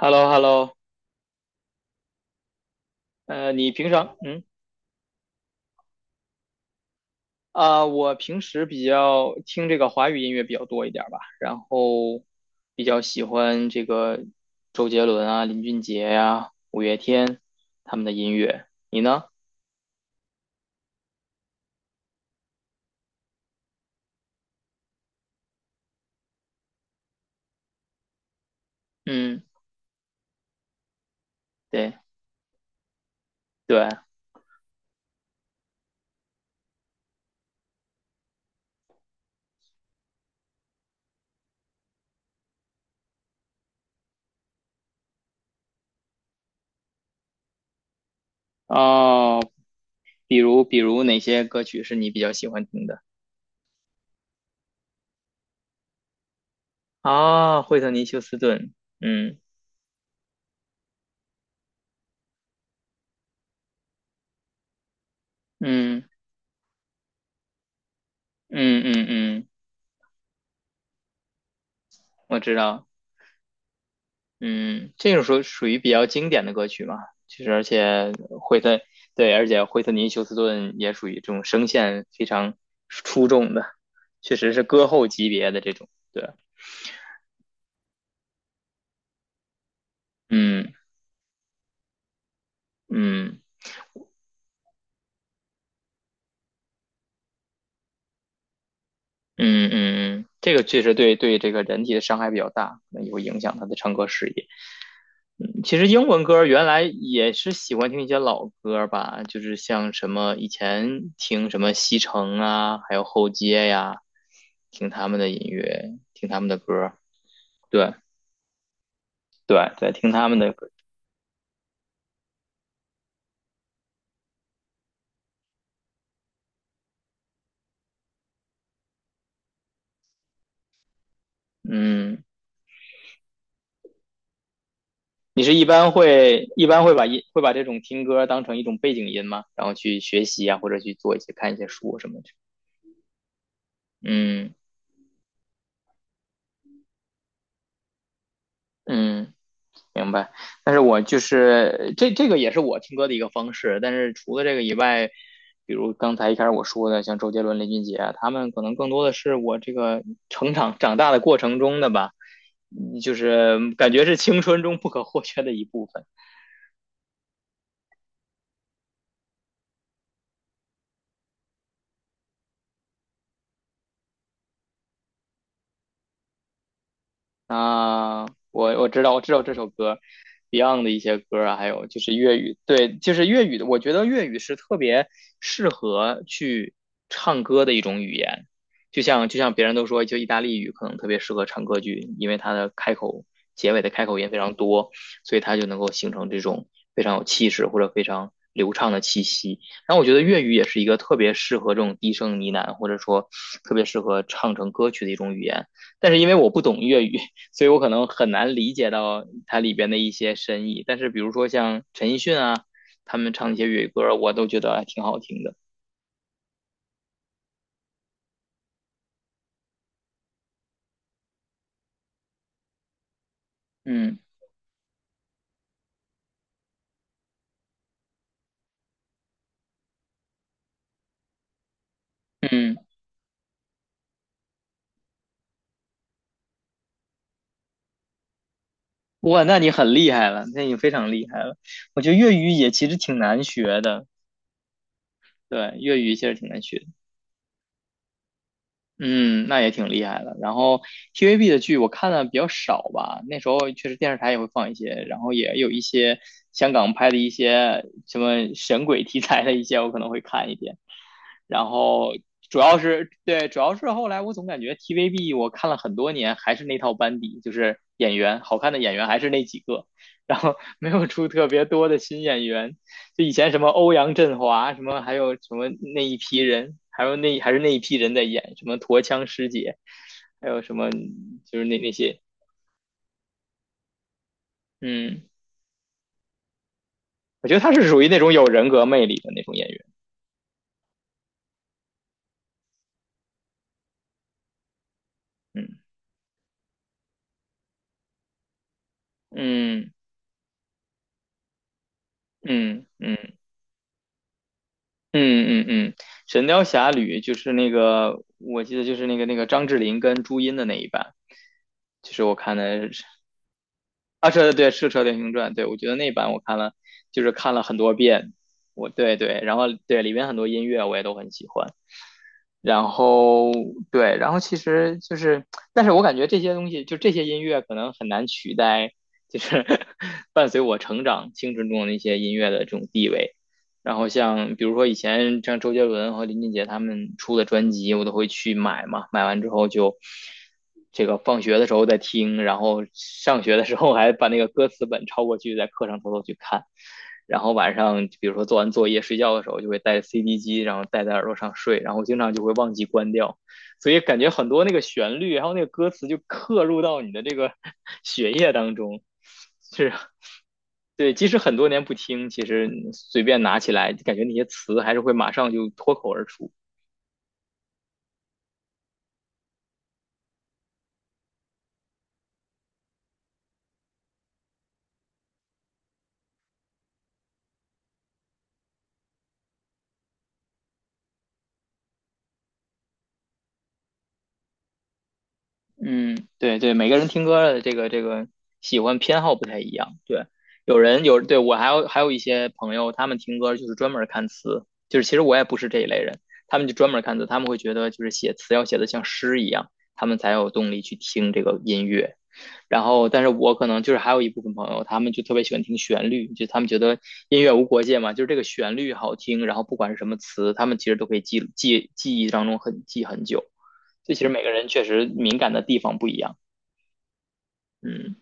h e l l o h e l l o。 你平常，啊、我平时比较听这个华语音乐比较多一点儿吧，然后比较喜欢这个周杰伦啊、林俊杰呀、五月天他们的音乐。你呢？嗯，对对。哦，比如哪些歌曲是你比较喜欢听的？啊，惠特尼休斯顿。嗯嗯嗯嗯嗯，我知道。嗯，这种属于比较经典的歌曲嘛，其实而且惠特，对，而且惠特尼休斯顿也属于这种声线非常出众的，确实是歌后级别的这种。对，嗯嗯嗯嗯嗯。嗯，这个确实，对对，这个人体的伤害比较大，可能也会影响他的唱歌事业。嗯，其实英文歌原来也是喜欢听一些老歌吧，就是像什么以前听什么西城啊，还有后街呀，听他们的音乐，听他们的歌。对对对，听他们的歌。嗯，你是一般会会把这种听歌当成一种背景音吗？然后去学习啊，或者去做一些看一些书什么的。嗯嗯。明白。但是我就是这个也是我听歌的一个方式，但是除了这个以外，比如刚才一开始我说的，像周杰伦、林俊杰啊，他们可能更多的是我这个成长长大的过程中的吧。嗯，就是感觉是青春中不可或缺的一部分。啊，我知道这首歌，Beyond 的一些歌啊，还有就是粤语。对，就是粤语的。我觉得粤语是特别适合去唱歌的一种语言。就像别人都说，就意大利语可能特别适合唱歌剧，因为它的开口、结尾的开口音非常多，所以它就能够形成这种非常有气势或者非常流畅的气息。然后我觉得粤语也是一个特别适合这种低声呢喃，或者说特别适合唱成歌曲的一种语言。但是因为我不懂粤语，所以我可能很难理解到它里边的一些深意。但是比如说像陈奕迅啊，他们唱一些粤语歌，我都觉得还挺好听的。嗯嗯，哇，那你很厉害了，那你非常厉害了。我觉得粤语也其实挺难学的。对，粤语其实挺难学的。嗯，那也挺厉害的。然后 TVB 的剧我看的比较少吧，那时候确实电视台也会放一些，然后也有一些香港拍的一些什么神鬼题材的一些，我可能会看一点。然后主要是对，主要是后来我总感觉 TVB 我看了很多年还是那套班底，就是演员好看的演员还是那几个，然后没有出特别多的新演员。就以前什么欧阳震华，什么还有什么那一批人，还有还是那一批人在演，什么驼枪师姐，还有什么就是那些，嗯，我觉得他是属于那种有人格魅力的那种演员。嗯嗯嗯嗯。嗯嗯嗯，《神雕侠侣》就是那个，我记得就是那个张智霖跟朱茵的那一版，就是我看的是。啊，是，对，是《射雕英雄传》。对，我觉得那版我看了，就是看了很多遍。对对，然后对里面很多音乐我也都很喜欢。然后对，然后其实就是，但是我感觉这些东西，就这些音乐可能很难取代，就是 伴随我成长青春中的那些音乐的这种地位。然后像比如说以前像周杰伦和林俊杰他们出的专辑，我都会去买嘛，买完之后就这个放学的时候再听，然后上学的时候还把那个歌词本抄过去，在课上偷偷去看。然后晚上比如说做完作业睡觉的时候，就会带 CD 机，然后戴在耳朵上睡，然后经常就会忘记关掉，所以感觉很多那个旋律，还有那个歌词就刻入到你的这个 血液当中，是。对，即使很多年不听，其实随便拿起来，感觉那些词还是会马上就脱口而出。嗯，对对，每个人听歌的这个喜欢偏好不太一样。对，有人有，对，我还有一些朋友，他们听歌就是专门看词，就是其实我也不是这一类人。他们就专门看词，他们会觉得就是写词要写的像诗一样，他们才有动力去听这个音乐。然后，但是我可能就是还有一部分朋友，他们就特别喜欢听旋律，就他们觉得音乐无国界嘛，就是这个旋律好听，然后不管是什么词，他们其实都可以记忆当中很记很久。这其实每个人确实敏感的地方不一样。嗯，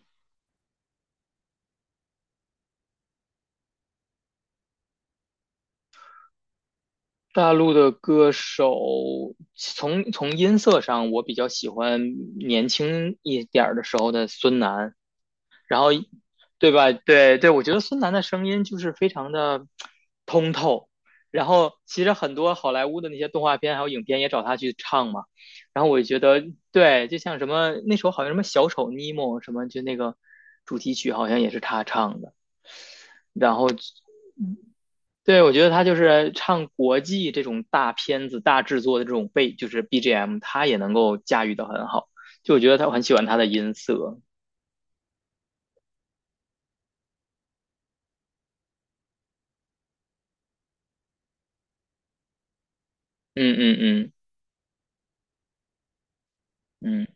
大陆的歌手从音色上，我比较喜欢年轻一点儿的时候的孙楠。然后对吧？对对，我觉得孙楠的声音就是非常的通透。然后其实很多好莱坞的那些动画片还有影片也找他去唱嘛。然后我觉得，对，就像什么那时候好像什么小丑尼莫什么，就那个主题曲好像也是他唱的。然后对，我觉得他就是唱国际这种大片子、大制作的这种背，就是 BGM，他也能够驾驭的很好。就我觉得他我很喜欢他的音色。嗯嗯嗯嗯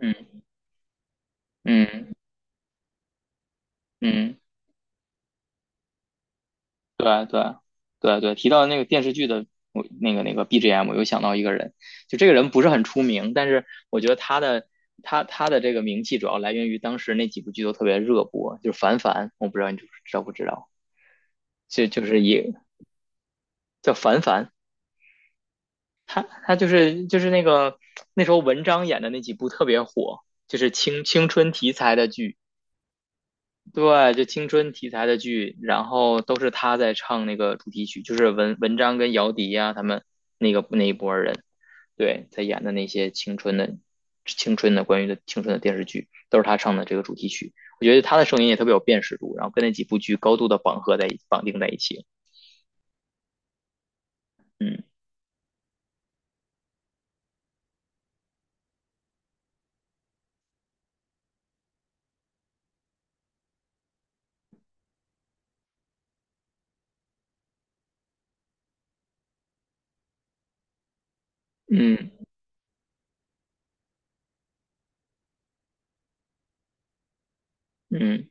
嗯嗯嗯，对啊对啊对啊对啊。提到那个电视剧的我那个 BGM，我又想到一个人。就这个人不是很出名，但是我觉得他的这个名气主要来源于当时那几部剧都特别热播。就是凡凡，我不知道你知不知道，就是也叫凡凡。他就是那个那时候文章演的那几部特别火，就是青春题材的剧。对，就青春题材的剧，然后都是他在唱那个主题曲，就是文章跟姚笛呀、他们那个那一波人，对，在演的那些青春的电视剧，都是他唱的这个主题曲。我觉得他的声音也特别有辨识度，然后跟那几部剧高度的绑定在一起。嗯嗯嗯，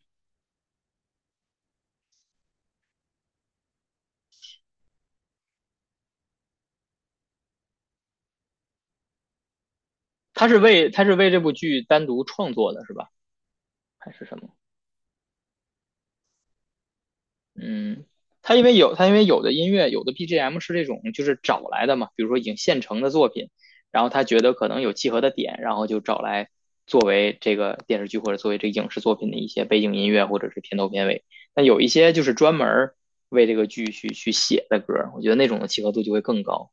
他是为这部剧单独创作的是吧？还是什么？嗯，它因为有的音乐有的 BGM 是这种就是找来的嘛，比如说已经现成的作品，然后他觉得可能有契合的点，然后就找来作为这个电视剧或者作为这个影视作品的一些背景音乐或者是片头片尾。那有一些就是专门为这个剧去写的歌我觉得那种的契合度就会更高。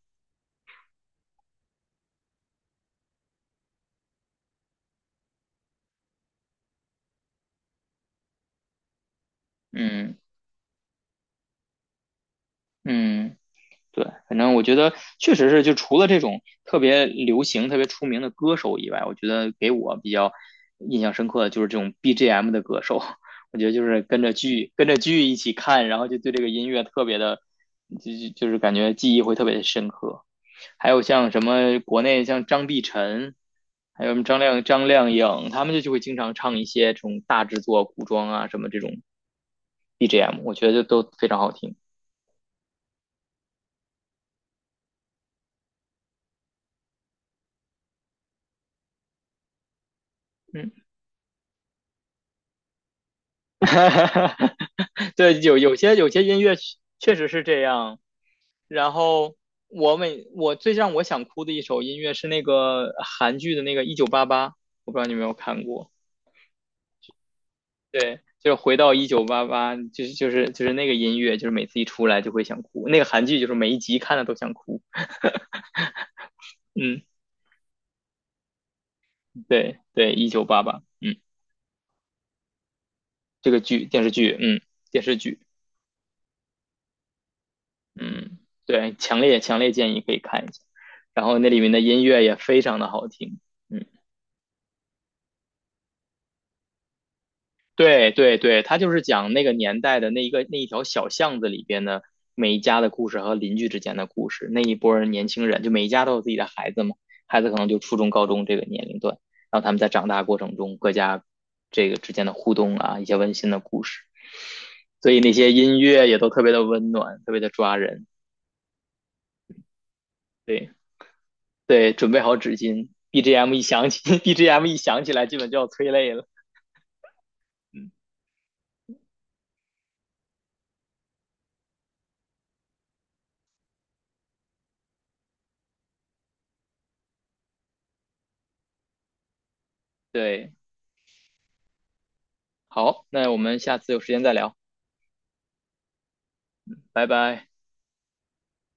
嗯嗯。对，反正我觉得确实是，就除了这种特别流行、特别出名的歌手以外，我觉得给我比较印象深刻的就是这种 BGM 的歌手。我觉得就是跟着剧、跟着剧一起看，然后就对这个音乐特别的，就是感觉记忆会特别的深刻。还有像什么国内像张碧晨，还有什么张靓颖，他们就会经常唱一些这种大制作、古装啊什么这种 BGM，我觉得就都非常好听。嗯。对，有些音乐确实是这样。然后我最让我想哭的一首音乐是那个韩剧的那个《一九八八》，我不知道你有没有看过。对，就是回到一九八八，就是那个音乐，就是每次一出来就会想哭。那个韩剧就是每一集看了都想哭。嗯，对对，《一九八八》。嗯，这个剧电视剧。嗯，电视剧。嗯，对，强烈强烈建议可以看一下。然后那里面的音乐也非常的好听，嗯。对对对，他就是讲那个年代的那一条小巷子里边的每一家的故事和邻居之间的故事。那一波人年轻人，就每一家都有自己的孩子嘛，孩子可能就初中、高中这个年龄段，然后他们在长大过程中各家这个之间的互动啊，一些温馨的故事。所以那些音乐也都特别的温暖，特别的抓人。对对，准备好纸巾，BGM 一响起，BGM 一响起来，基本就要催泪了。嗯，对，好，那我们下次有时间再聊，拜拜。